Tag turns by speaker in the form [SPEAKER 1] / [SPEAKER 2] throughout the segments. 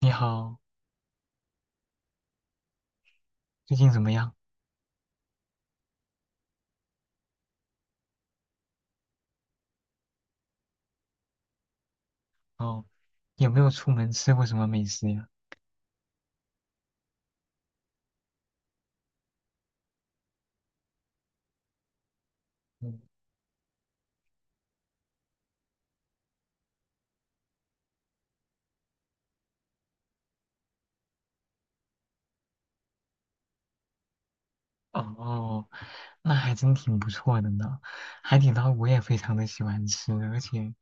[SPEAKER 1] 你好，最近怎么样？哦，有没有出门吃过什么美食呀？嗯。哦，那还真挺不错的呢。海底捞我也非常的喜欢吃，而且，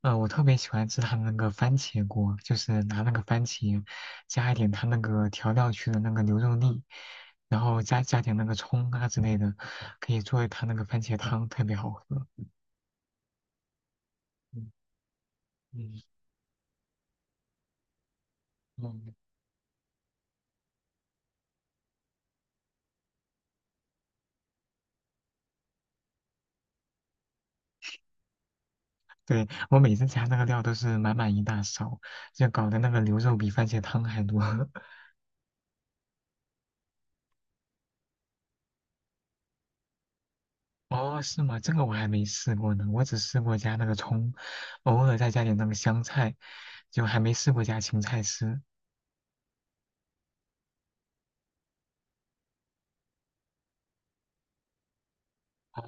[SPEAKER 1] 我特别喜欢吃他的那个番茄锅，就是拿那个番茄，加一点它那个调料区的那个牛肉粒，然后加点那个葱啊之类的，可以做一它那个番茄汤，特别好喝。嗯嗯。嗯，对，我每次加那个料都是满满一大勺，就搞得那个牛肉比番茄汤还多。哦，是吗？这个我还没试过呢，我只试过加那个葱，偶尔再加点那个香菜，就还没试过加芹菜丝。哦，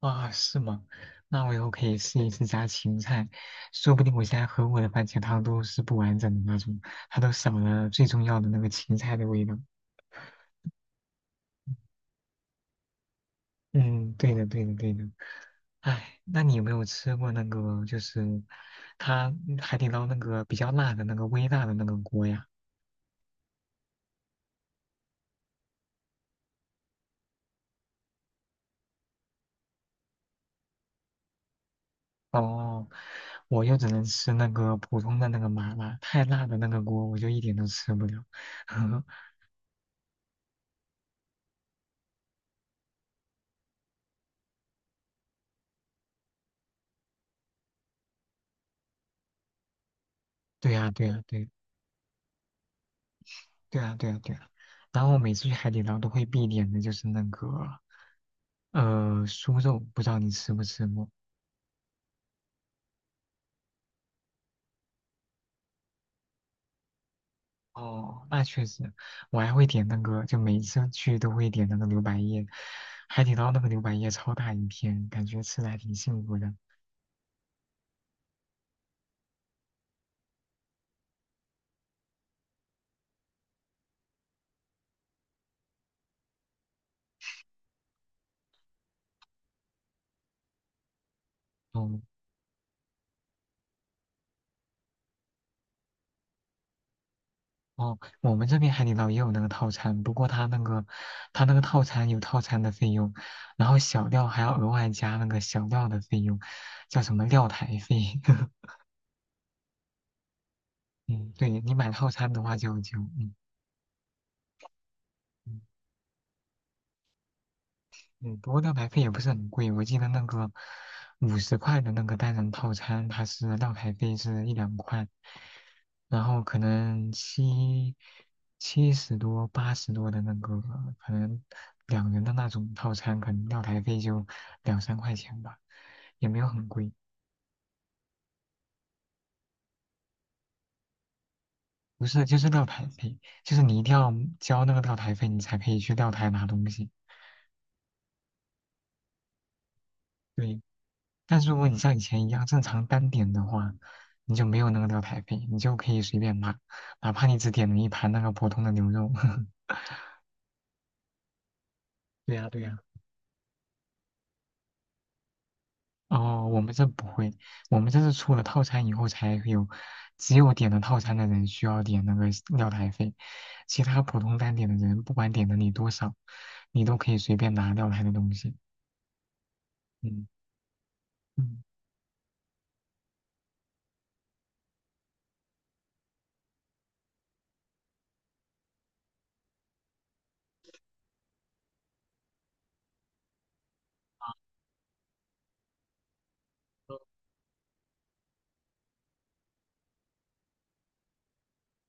[SPEAKER 1] 啊是吗？那我以后可以试一试加芹菜，说不定我现在喝过的番茄汤都是不完整的那种，它都少了最重要的那个芹菜的味道。嗯，对的，对的，对的。哎，那你有没有吃过那个，就是它海底捞那个比较辣的那个微辣的那个锅呀？哦，我又只能吃那个普通的那个麻辣，太辣的那个锅我就一点都吃不了。对呀，对呀，对，对呀，对呀，对呀。然后我每次去海底捞都会必点的就是那个酥肉，不知道你吃不吃过？哦，那确实，我还会点那个，就每次去都会点那个牛百叶，海底捞那个牛百叶超大一片，感觉吃的还挺幸福的。哦哦，我们这边海底捞也有那个套餐，不过它那个套餐有套餐的费用，然后小料还要额外加那个小料的费用，叫什么料台费。嗯，对你买套餐的话就有就嗯。嗯嗯，不过蛋白费也不是很贵，我记得那个50块的那个单人套餐，它是料台费是1-2块，然后可能七十多、80多的那个，可能两人的那种套餐，可能料台费就2-3块钱吧，也没有很贵。不是，就是料台费，就是你一定要交那个料台费，你才可以去料台拿东西。对，但是如果你像以前一样正常单点的话，你就没有那个料台费，你就可以随便拿，哪怕你只点了一盘那个普通的牛肉。对呀，对呀。哦，我们这不会，我们这是出了套餐以后才会有，只有点了套餐的人需要点那个料台费，其他普通单点的人不管点了你多少，你都可以随便拿料台的东西。嗯。嗯。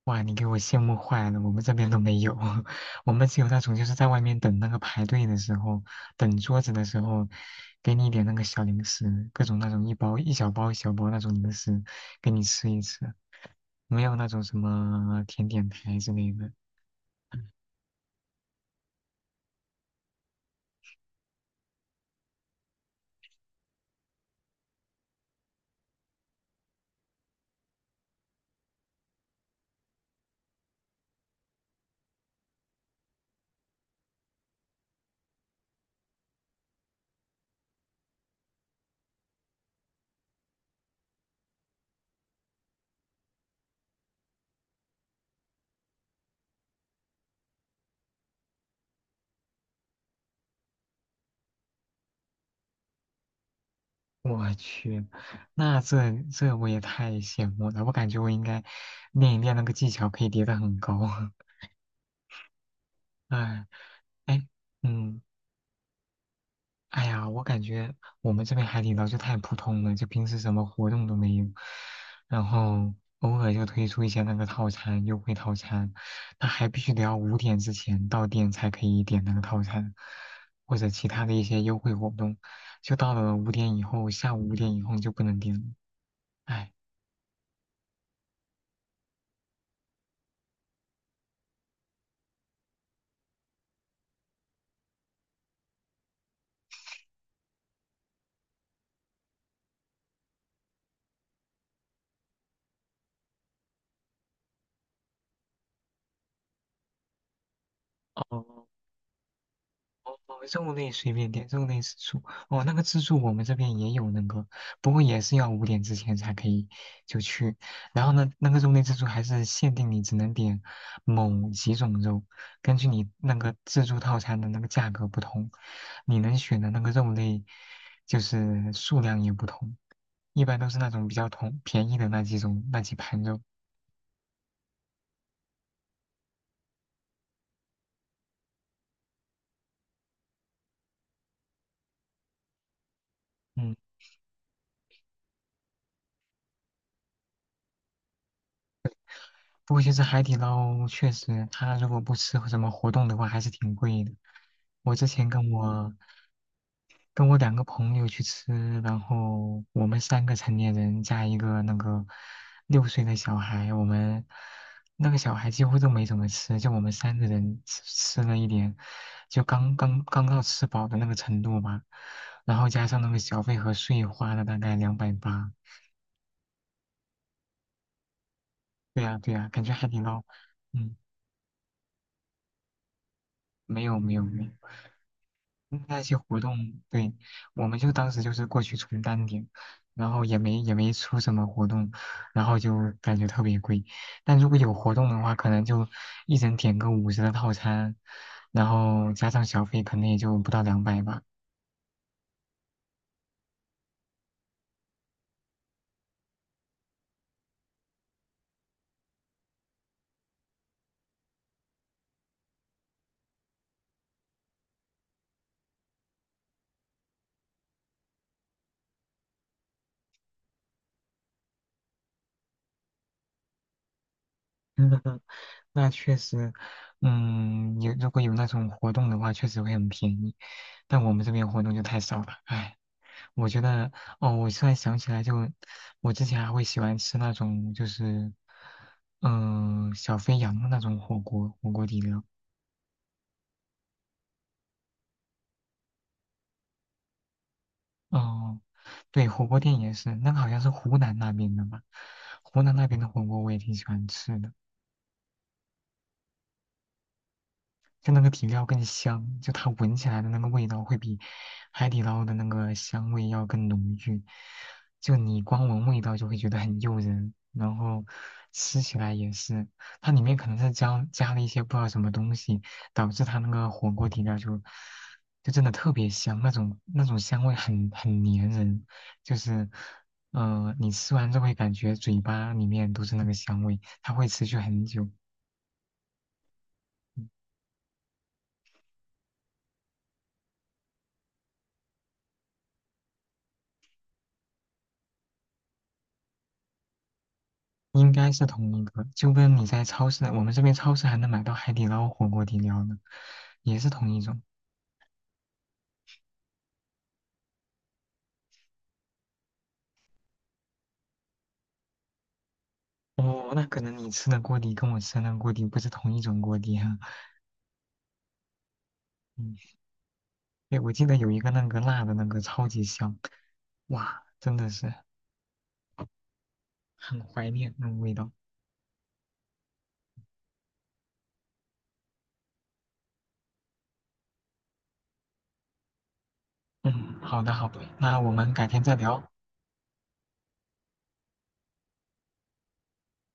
[SPEAKER 1] 哇，你给我羡慕坏了，我们这边都没有，我们只有那种就是在外面等那个排队的时候，等桌子的时候，给你一点那个小零食，各种那种一包一小包一小包那种零食，给你吃一吃，没有那种什么甜点台之类的。我去，那这我也太羡慕了，我感觉我应该练一练那个技巧，可以叠得很高。哎哎，嗯。哎呀，我感觉我们这边海底捞就太普通了，就平时什么活动都没有，然后偶尔就推出一些那个套餐优惠套餐，那还必须得要五点之前到店才可以点那个套餐，或者其他的一些优惠活动，就到了五点以后，下午五点以后就不能点了，哎。哦，哦，肉类随便点，肉类自助。哦，那个自助我们这边也有那个，不过也是要五点之前才可以就去。然后呢，那个肉类自助还是限定你只能点某几种肉，根据你那个自助套餐的那个价格不同，你能选的那个肉类就是数量也不同，一般都是那种比较同便宜的那几种那几盘肉。嗯。不过其实海底捞确实，它如果不吃什么活动的话，还是挺贵的。我之前跟我两个朋友去吃，然后我们三个成年人加一个那个6岁的小孩，我们那个小孩几乎都没怎么吃，就我们三个人吃了一点，就刚刚到吃饱的那个程度吧。然后加上那个小费和税，花了大概280。对呀，对呀，感觉海底捞，嗯，没有没有没有。那些活动，对，我们就当时就是过去充单点，然后也没出什么活动，然后就感觉特别贵。但如果有活动的话，可能就一人点个五十的套餐，然后加上小费，可能也就不到两百吧。嗯，那确实，嗯，有如果有那种活动的话，确实会很便宜，但我们这边活动就太少了，唉。我觉得，哦，我突然想起来就，我之前还会喜欢吃那种，就是，嗯、小肥羊的那种火锅，火锅底料。哦，对，火锅店也是，那个好像是湖南那边的吧？湖南那边的火锅我也挺喜欢吃的。就那个底料更香，就它闻起来的那个味道会比海底捞的那个香味要更浓郁。就你光闻味道就会觉得很诱人，然后吃起来也是，它里面可能是加了一些不知道什么东西，导致它那个火锅底料就真的特别香，那种香味很粘人，就是你吃完就会感觉嘴巴里面都是那个香味，它会持续很久。应该是同一个，就跟你在超市，我们这边超市还能买到海底捞火锅底料呢，也是同一种。哦，那可能你吃的锅底跟我吃的那个锅底不是同一种锅底哈。嗯，对，我记得有一个那个辣的那个超级香，哇，真的是很怀念那个味道。嗯，好的好的，那我们改天再聊。